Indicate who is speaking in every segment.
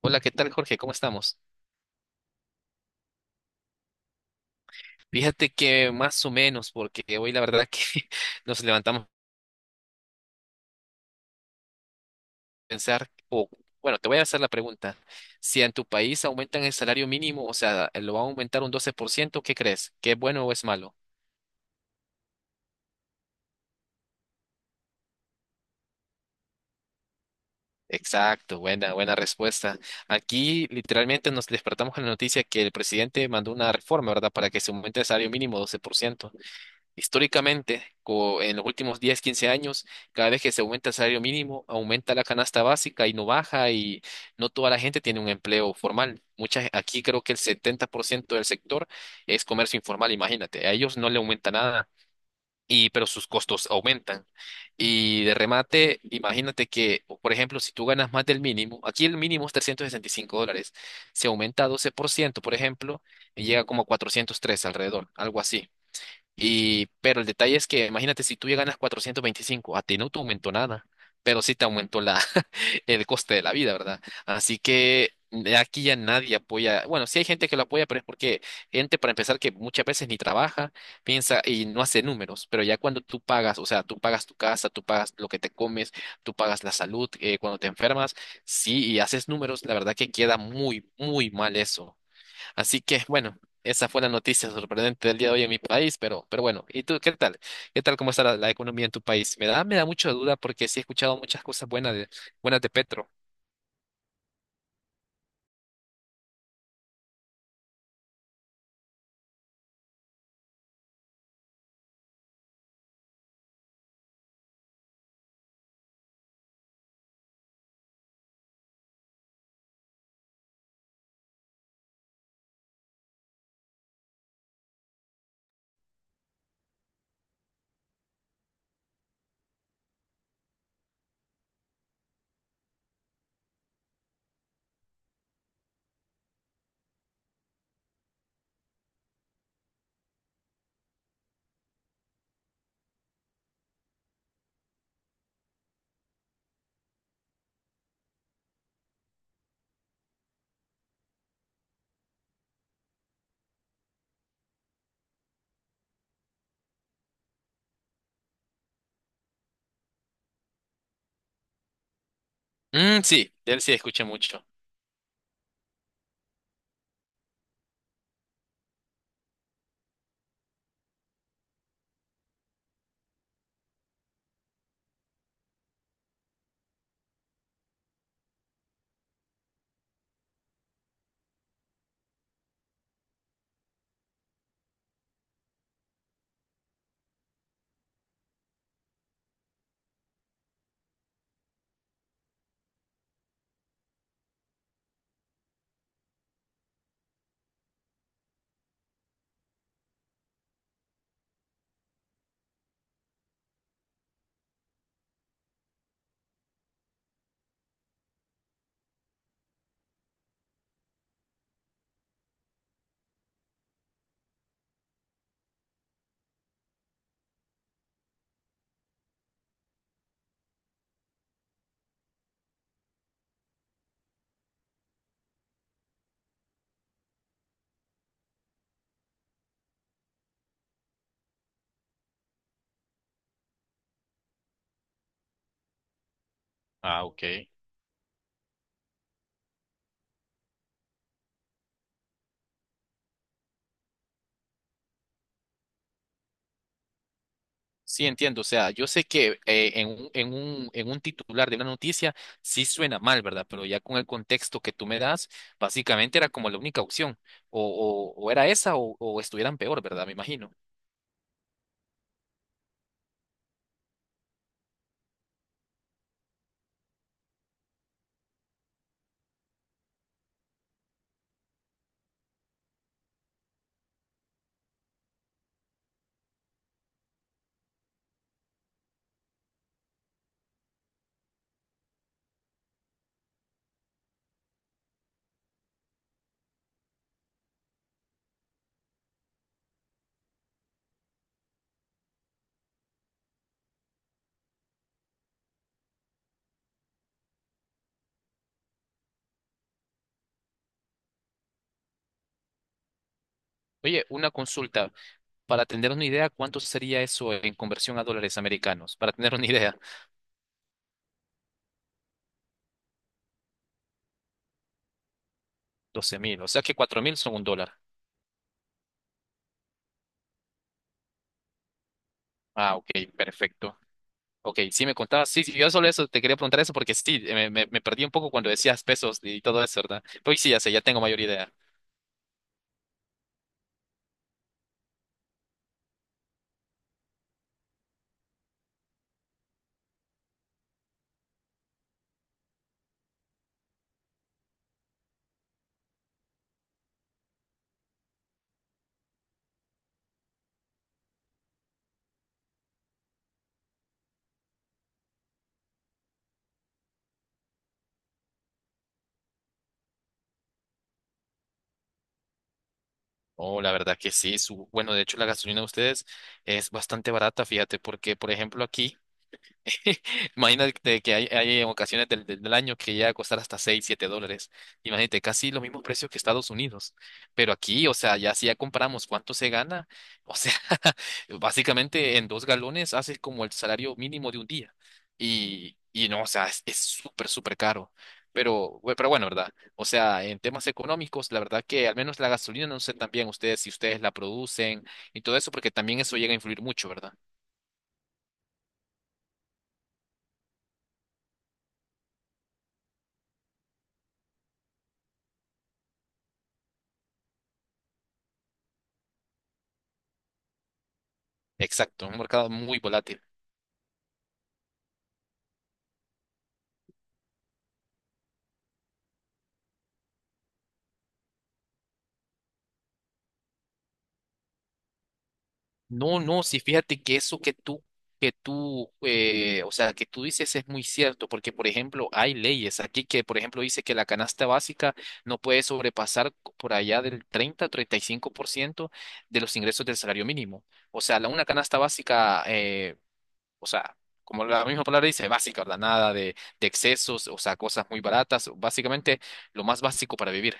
Speaker 1: Hola, ¿qué tal, Jorge? ¿Cómo estamos? Fíjate que más o menos, porque hoy la verdad que nos levantamos a pensar, o bueno, te voy a hacer la pregunta, si en tu país aumentan el salario mínimo, o sea, lo van a aumentar un 12%, ¿qué crees? ¿Qué es bueno o es malo? Exacto, buena, buena respuesta. Aquí literalmente nos despertamos con la noticia que el presidente mandó una reforma, ¿verdad? Para que se aumente el salario mínimo 12%. Históricamente, en los últimos 10, 15 años, cada vez que se aumenta el salario mínimo, aumenta la canasta básica y no baja y no toda la gente tiene un empleo formal. Muchas, aquí creo que el 70% del sector es comercio informal, imagínate, a ellos no le aumenta nada. Y, pero sus costos aumentan. Y de remate, imagínate que, o por ejemplo, si tú ganas más del mínimo, aquí el mínimo es 365 dólares, se aumenta a 12%, por ciento, por ejemplo, y llega como a 403 alrededor, algo así. Y, pero el detalle es que, imagínate, si tú ya ganas 425, a ti no te aumentó nada, pero sí te aumentó la, el coste de la vida, ¿verdad? Así que aquí ya nadie apoya, bueno, sí hay gente que lo apoya, pero es porque gente, para empezar, que muchas veces ni trabaja, piensa y no hace números, pero ya cuando tú pagas, o sea, tú pagas tu casa, tú pagas lo que te comes, tú pagas la salud, cuando te enfermas, sí, y haces números, la verdad que queda muy, muy mal eso. Así que, bueno, esa fue la noticia sorprendente del día de hoy en mi país, pero bueno, ¿y tú qué tal? ¿Qué tal cómo está la economía en tu país? Me da mucha duda porque sí he escuchado muchas cosas buenas de Petro. Mm, sí, de él sí escuché mucho. Ah, ok. Sí, entiendo. O sea, yo sé que en un titular de una noticia sí suena mal, ¿verdad? Pero ya con el contexto que tú me das, básicamente era como la única opción. O, o era esa o estuvieran peor, ¿verdad? Me imagino. Oye, una consulta. Para tener una idea, ¿cuánto sería eso en conversión a dólares americanos? Para tener una idea, doce mil. O sea que 4 mil son un dólar. Ah, ok, perfecto. Ok, sí me contabas. Sí, sí, yo solo eso te quería preguntar eso porque sí, me perdí un poco cuando decías pesos y todo eso, ¿verdad? Pues sí, ya sé, ya tengo mayor idea. Oh, la verdad que sí. Bueno, de hecho, la gasolina de ustedes es bastante barata, fíjate, porque, por ejemplo, aquí. Imagínate que hay ocasiones del año que llega a costar hasta 6 7 dólares. Imagínate, casi los mismos precios que Estados Unidos. Pero aquí, o sea, ya si ya comparamos cuánto se gana, o sea, básicamente en dos galones haces como el salario mínimo de un día. Y no, o sea, es súper, súper caro. Pero, pero bueno, ¿verdad? O sea, en temas económicos, la verdad que al menos la gasolina, no sé también ustedes si ustedes la producen y todo eso, porque también eso llega a influir mucho, ¿verdad? Exacto, un mercado muy volátil. No, no, sí, fíjate que eso o sea, que tú dices es muy cierto, porque, por ejemplo, hay leyes aquí que, por ejemplo, dice que la canasta básica no puede sobrepasar por allá del 30-35% de los ingresos del salario mínimo. O sea, una canasta básica, o sea, como la misma palabra dice, básica, ¿verdad? Nada de excesos, o sea, cosas muy baratas, básicamente lo más básico para vivir.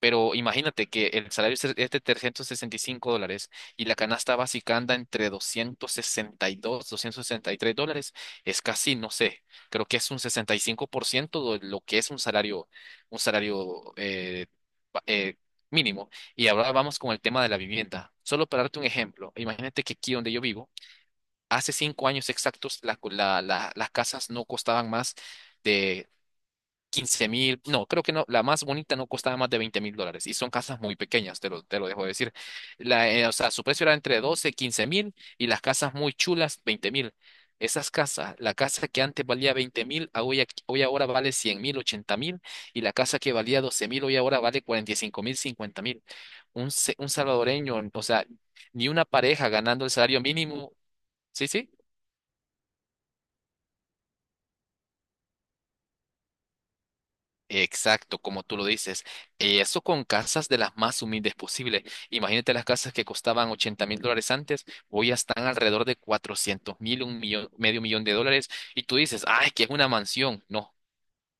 Speaker 1: Pero imagínate que el salario es de $365 y la canasta básica anda entre doscientos doscientos sesenta sesenta y dos doscientos sesenta y tres dólares. Es casi, no sé, creo que es un 65% de lo que es un salario, un salario eh, ba- eh, mínimo. Y ahora vamos con el tema de la vivienda. Solo para darte un ejemplo, imagínate que aquí donde yo vivo, hace 5 años exactos las casas no costaban más 15.000, no, creo que no, la más bonita no costaba más de $20.000 y son casas muy pequeñas, te lo dejo de decir. O sea, su precio era entre 12 15 mil y las casas muy chulas, 20.000. Esas casas, la casa que antes valía 20.000, a hoy, hoy ahora vale 100.000, 80.000 y la casa que valía 12.000, hoy ahora vale 45.000, 50.000. Un salvadoreño, o sea, ni una pareja ganando el salario mínimo, sí, sí. Exacto, como tú lo dices. Eso con casas de las más humildes posibles. Imagínate las casas que costaban $80.000 antes, hoy ya están alrededor de 400.000, un millón, medio millón de dólares. Y tú dices, ah, es que es una mansión. No,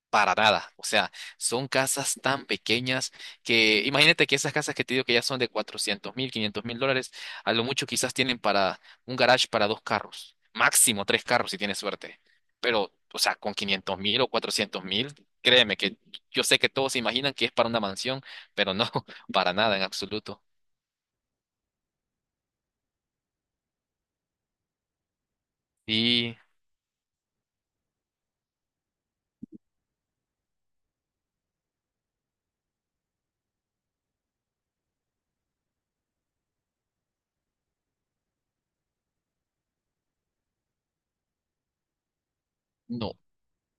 Speaker 1: para nada. O sea, son casas tan pequeñas que imagínate que esas casas que te digo que ya son de 400.000, $500.000, a lo mucho quizás tienen para un garage para dos carros, máximo tres carros si tienes suerte. Pero, o sea, con 500.000 o 400.000, créeme que yo sé que todos se imaginan que es para una mansión, pero no, para nada en absoluto. Y no,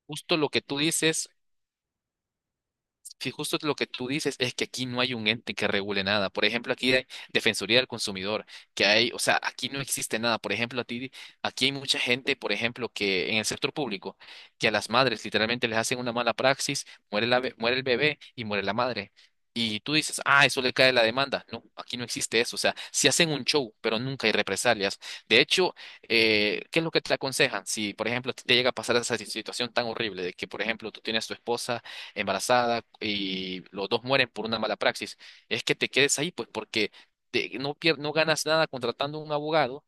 Speaker 1: justo lo que tú dices. Si justo lo que tú dices es que aquí no hay un ente que regule nada. Por ejemplo, aquí hay Defensoría del Consumidor, que hay, o sea, aquí no existe nada. Por ejemplo, aquí hay mucha gente, por ejemplo, que en el sector público, que a las madres literalmente les hacen una mala praxis, muere el bebé y muere la madre. Y tú dices, ah, eso le cae la demanda. No, aquí no existe eso. O sea, si hacen un show, pero nunca hay represalias. De hecho, ¿qué es lo que te aconsejan? Si, por ejemplo, te llega a pasar esa situación tan horrible de que, por ejemplo, tú tienes tu esposa embarazada y los dos mueren por una mala praxis, es que te quedes ahí, pues porque no, no ganas nada contratando un abogado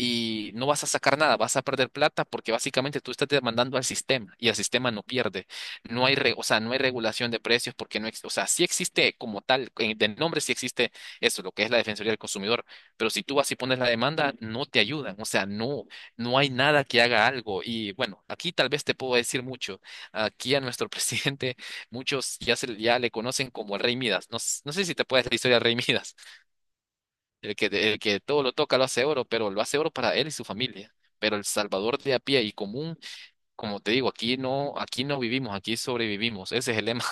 Speaker 1: y no vas a sacar nada, vas a perder plata porque básicamente tú estás demandando al sistema y el sistema no pierde. No hay, re- O sea, no hay regulación de precios porque no, o sea, sí existe como tal, de nombre sí existe eso, lo que es la Defensoría del Consumidor, pero si tú vas y pones la demanda, no te ayudan, o sea, no, no hay nada que haga algo. Y bueno, aquí tal vez te puedo decir mucho. Aquí a nuestro presidente. Muchos ya, ya le conocen como el Rey Midas. No, no sé si te puedes la historia del Rey Midas, el que todo lo toca lo hace oro, pero lo hace oro para él y su familia. Pero el salvador de a pie y común, como te digo, aquí no vivimos, aquí sobrevivimos. Ese es el lema.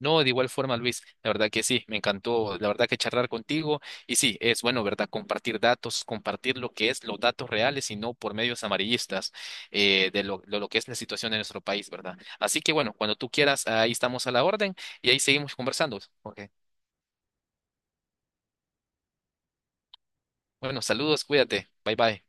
Speaker 1: No, de igual forma, Luis, la verdad que sí, me encantó, la verdad que charlar contigo y sí, es bueno, ¿verdad? Compartir datos, compartir lo que es los datos reales y no por medios amarillistas de lo que es la situación en nuestro país, ¿verdad? Así que bueno, cuando tú quieras, ahí estamos a la orden y ahí seguimos conversando. Ok. Bueno, saludos, cuídate, bye bye.